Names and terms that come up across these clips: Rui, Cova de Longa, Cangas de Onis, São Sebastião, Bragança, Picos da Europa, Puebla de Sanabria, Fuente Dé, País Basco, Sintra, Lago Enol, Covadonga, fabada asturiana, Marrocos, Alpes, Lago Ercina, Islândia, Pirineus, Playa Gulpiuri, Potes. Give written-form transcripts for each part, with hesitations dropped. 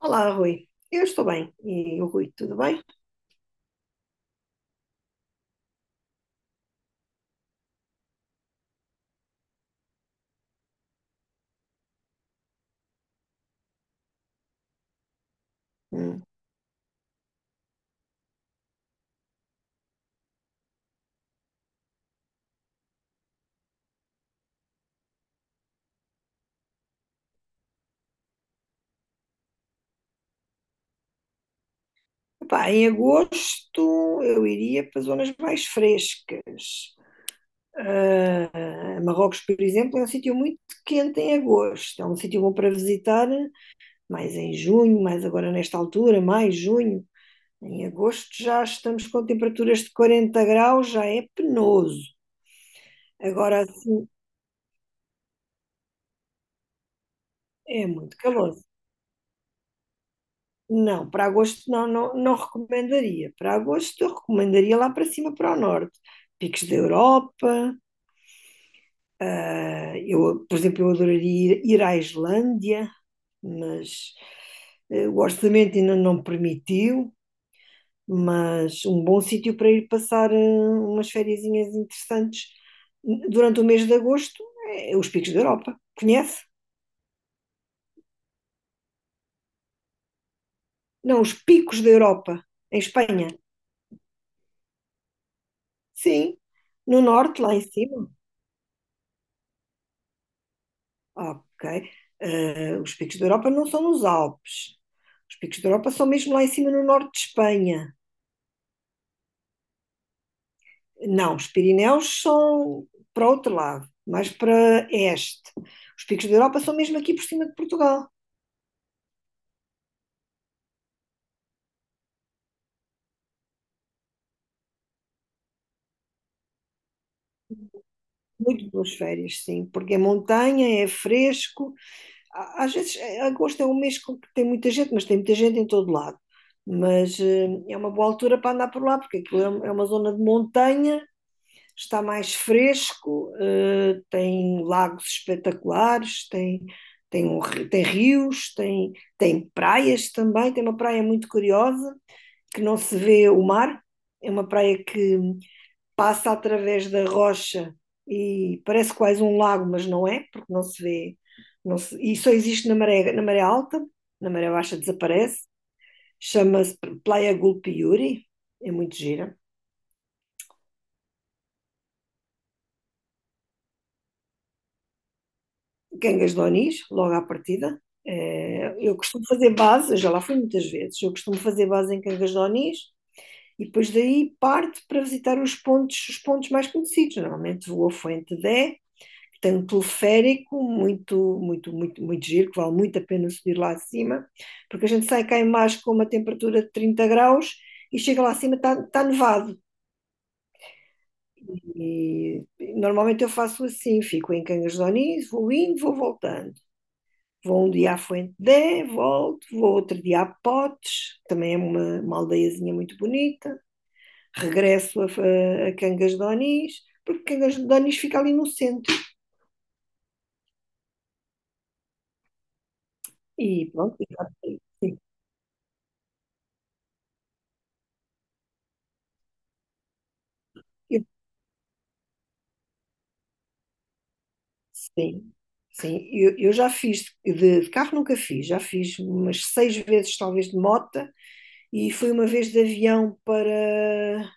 Olá, Rui. Eu estou bem. E o Rui, tudo bem? Hum. Epá, em agosto eu iria para zonas mais frescas. Ah, Marrocos, por exemplo, é um sítio muito quente em agosto. É um sítio bom para visitar, mais em junho, mais agora nesta altura, mais junho. Em agosto já estamos com temperaturas de 40 graus, já é penoso. Agora assim é muito calor. Não, para agosto não, não, não recomendaria. Para agosto eu recomendaria lá para cima, para o norte. Picos da Europa. Ah, eu, por exemplo, eu adoraria ir à Islândia, mas o orçamento ainda não permitiu. Mas um bom sítio para ir passar umas fériasinhas interessantes durante o mês de agosto é os Picos da Europa. Conhece? Não, os Picos da Europa, em Espanha. Sim, no norte, lá em cima. Ok. Os picos da Europa não são nos Alpes. Os picos da Europa são mesmo lá em cima no norte de Espanha. Não, os Pirineus são para outro lado, mais para este. Os picos da Europa são mesmo aqui por cima de Portugal. Muito boas férias, sim, porque é montanha, é fresco. Às vezes, agosto é um mês com que tem muita gente, mas tem muita gente em todo lado. Mas é uma boa altura para andar por lá, porque é uma zona de montanha, está mais fresco, tem lagos espetaculares, tem, um tem rios, tem praias também. Tem uma praia muito curiosa, que não se vê o mar, é uma praia que passa através da rocha e parece quase um lago, mas não é, porque não se vê, e só existe na maré alta, na maré baixa desaparece. Chama-se Playa Gulpiuri, é muito gira. Gangas de Onis, logo à partida. Eu costumo fazer base, eu já lá fui muitas vezes, eu costumo fazer base em Cangas de Onis e depois daí parte para visitar os pontos mais conhecidos. Normalmente vou a Fuente Dé, que tem um teleférico muito, muito, muito, muito giro, que vale muito a pena subir lá acima, porque a gente sai cá em baixo com uma temperatura de 30 graus e chega lá acima está nevado. E normalmente eu faço assim, fico em Cangas de Onis, vou indo, vou voltando. Vou um dia à Fuente, volto, vou outro dia a Potes, também é uma aldeiazinha muito bonita, regresso a Cangas de Onis, porque Cangas de Onis fica ali no centro. E pronto, sim, sim, sim. Eu já fiz, de carro nunca fiz, já fiz umas seis vezes talvez de mota, e fui uma vez de avião para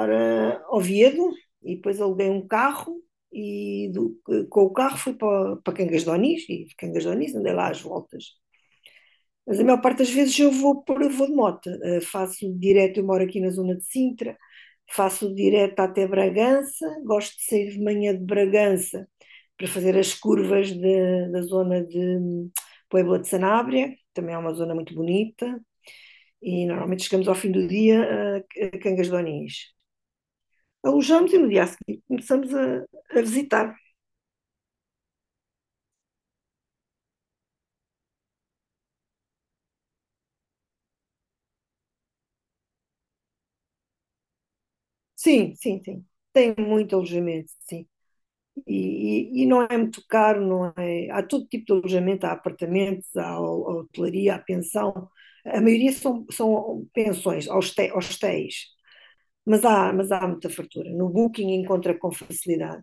Oviedo, e depois aluguei um carro, e com o carro fui para Cangas de Onis, e de Cangas de Onis andei lá às voltas. Mas a maior parte das vezes eu vou, vou de moto, faço direto, eu moro aqui na zona de Sintra, faço direto até Bragança, gosto de sair de manhã de Bragança para fazer as curvas da zona de Puebla de Sanabria, também é uma zona muito bonita, e normalmente chegamos ao fim do dia a Cangas de Onis, alojamos e no dia a seguir começamos a visitar. Sim, sim, sim. Tem muito alojamento, sim. E não é muito caro, não é? Há todo tipo de alojamento, há apartamentos, há hotelaria, há pensão. A maioria são pensões, hostéis, mas há muita fartura. No Booking encontra com facilidade.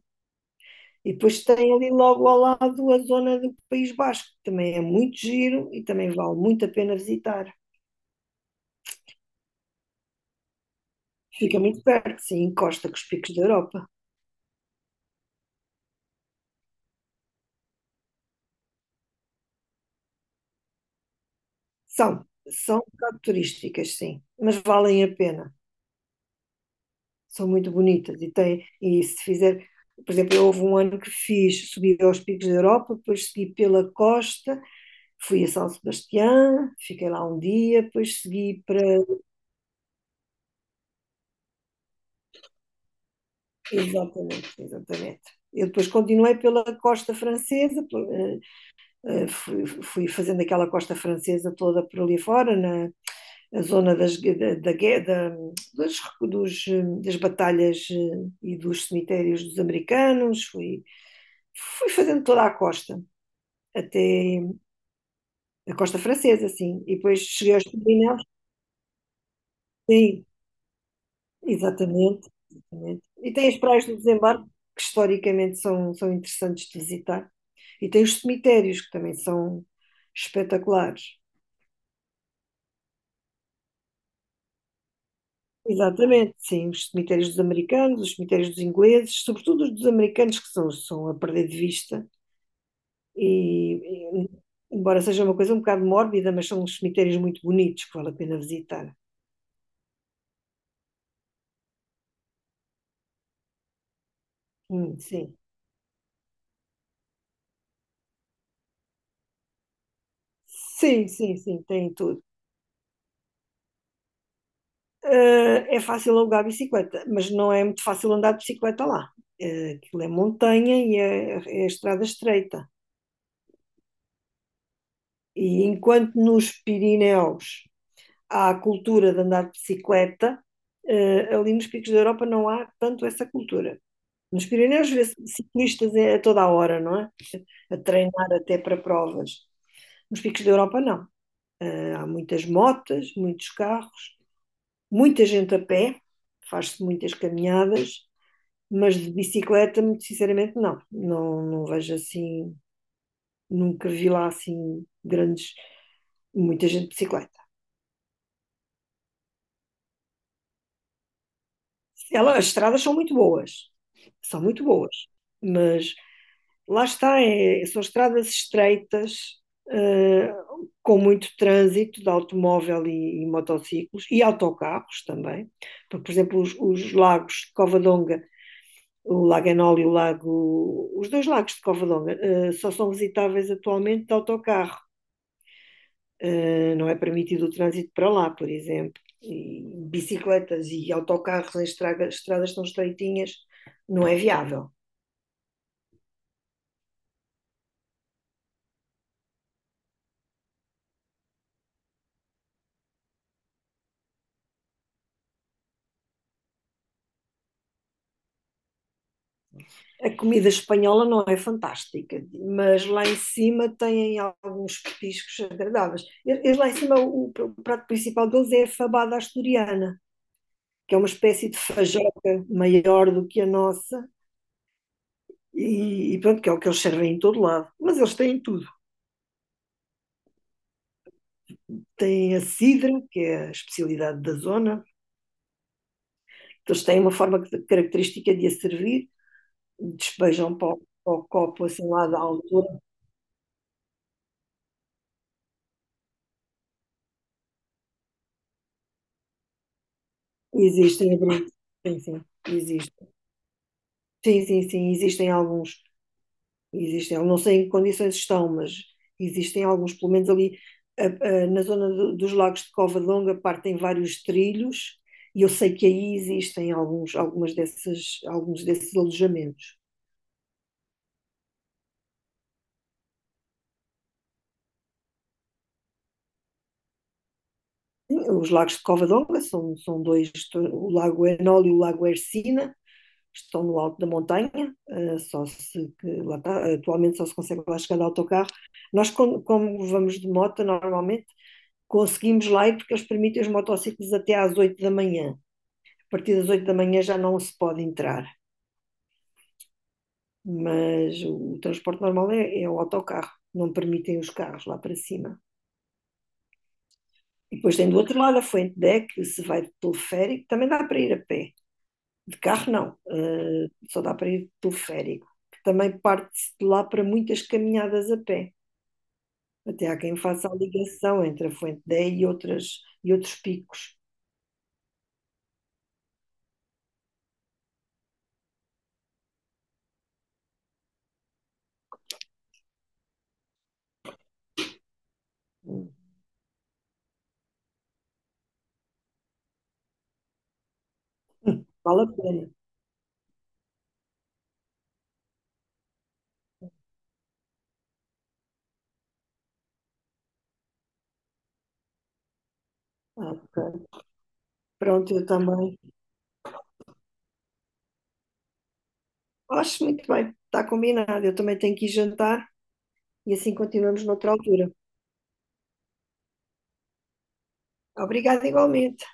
E depois tem ali logo ao lado a zona do País Basco, que também é muito giro e também vale muito a pena visitar. Fica muito perto, sim, encosta com os picos da Europa. São um bocado turísticas, sim, mas valem a pena. São muito bonitas e e se fizer, por exemplo, houve um ano que fiz, subi aos picos da Europa, depois segui pela costa, fui a São Sebastião, fiquei lá um dia, depois segui para. Exatamente, exatamente. Eu depois continuei pela costa francesa, fui fazendo aquela costa francesa toda por ali fora, a zona da, dos, dos, das batalhas e dos cemitérios dos americanos, fui fazendo toda a costa, até a costa francesa, sim. E depois cheguei aos Pirineus, sim, exatamente, exatamente. E tem as praias do desembarque, que historicamente são interessantes de visitar. E tem os cemitérios, que também são espetaculares. Exatamente, sim, os cemitérios dos americanos, os cemitérios dos ingleses, sobretudo os dos americanos que são a perder de vista. E, e, embora seja uma coisa um bocado mórbida, mas são uns cemitérios muito bonitos que vale a pena visitar. Sim, sim, sim, sim, tem tudo. É fácil alugar bicicleta, mas não é muito fácil andar de bicicleta lá. Aquilo é montanha e é estrada estreita. E enquanto nos Pirineus há a cultura de andar de bicicleta, ali nos picos da Europa não há tanto essa cultura. Nos Pirineus vê-se ciclistas a toda a hora, não é? A treinar até para provas. Nos picos da Europa não. Há muitas motas, muitos carros, muita gente a pé, faz-se muitas caminhadas, mas de bicicleta, muito sinceramente, não. Não, não vejo assim, nunca vi lá assim grandes, muita gente de bicicleta. As estradas são muito boas, mas lá está, são estradas estreitas, eh, com muito trânsito de automóvel e motociclos e autocarros também. Porque, por exemplo, os lagos de Covadonga, o Lago Enol e os dois lagos de Covadonga, só são visitáveis atualmente de autocarro. Não é permitido o trânsito para lá, por exemplo. E bicicletas e autocarros em estradas tão estreitinhas não é viável. A comida espanhola não é fantástica, mas lá em cima têm alguns petiscos agradáveis. Eles lá em cima, o prato principal deles é a fabada asturiana, que é uma espécie de fajoca maior do que a nossa, e pronto, que é o que eles servem em todo lado. Mas eles têm tudo. Têm a cidra, que é a especialidade da zona, eles têm uma forma característica de a servir, despejam para o copo assim lá da altura. Existem, sim, sim, existem. Sim, sim, sim, existem alguns. Existem, eu não sei em que condições estão, mas existem alguns, pelo menos ali a- na zona dos lagos de Cova de Longa, partem vários trilhos e eu sei que aí existem alguns, alguns desses alojamentos. Sim, os lagos de Cova de Longa são dois, o Lago Enol e o Lago Ercina, estão no alto da montanha, só se, que lá está, atualmente só se consegue lá chegar de autocarro. Nós, como vamos de moto, normalmente conseguimos lá ir porque eles permitem os motociclos até às 8 da manhã. A partir das 8 da manhã já não se pode entrar, mas o transporte normal é o autocarro, não permitem os carros lá para cima. E depois tem do outro lado a Fuente Dé, que se vai de teleférico, também dá para ir a pé. De carro não, só dá para ir de teleférico. Que também parte-se de lá para muitas caminhadas a pé. Até há quem faça a ligação entre a Fuente Deck e outros picos. Vale a pena. Ah, ok. Pronto, eu também acho muito bem, está combinado. Eu também tenho que ir jantar e assim continuamos noutra altura. Obrigada igualmente.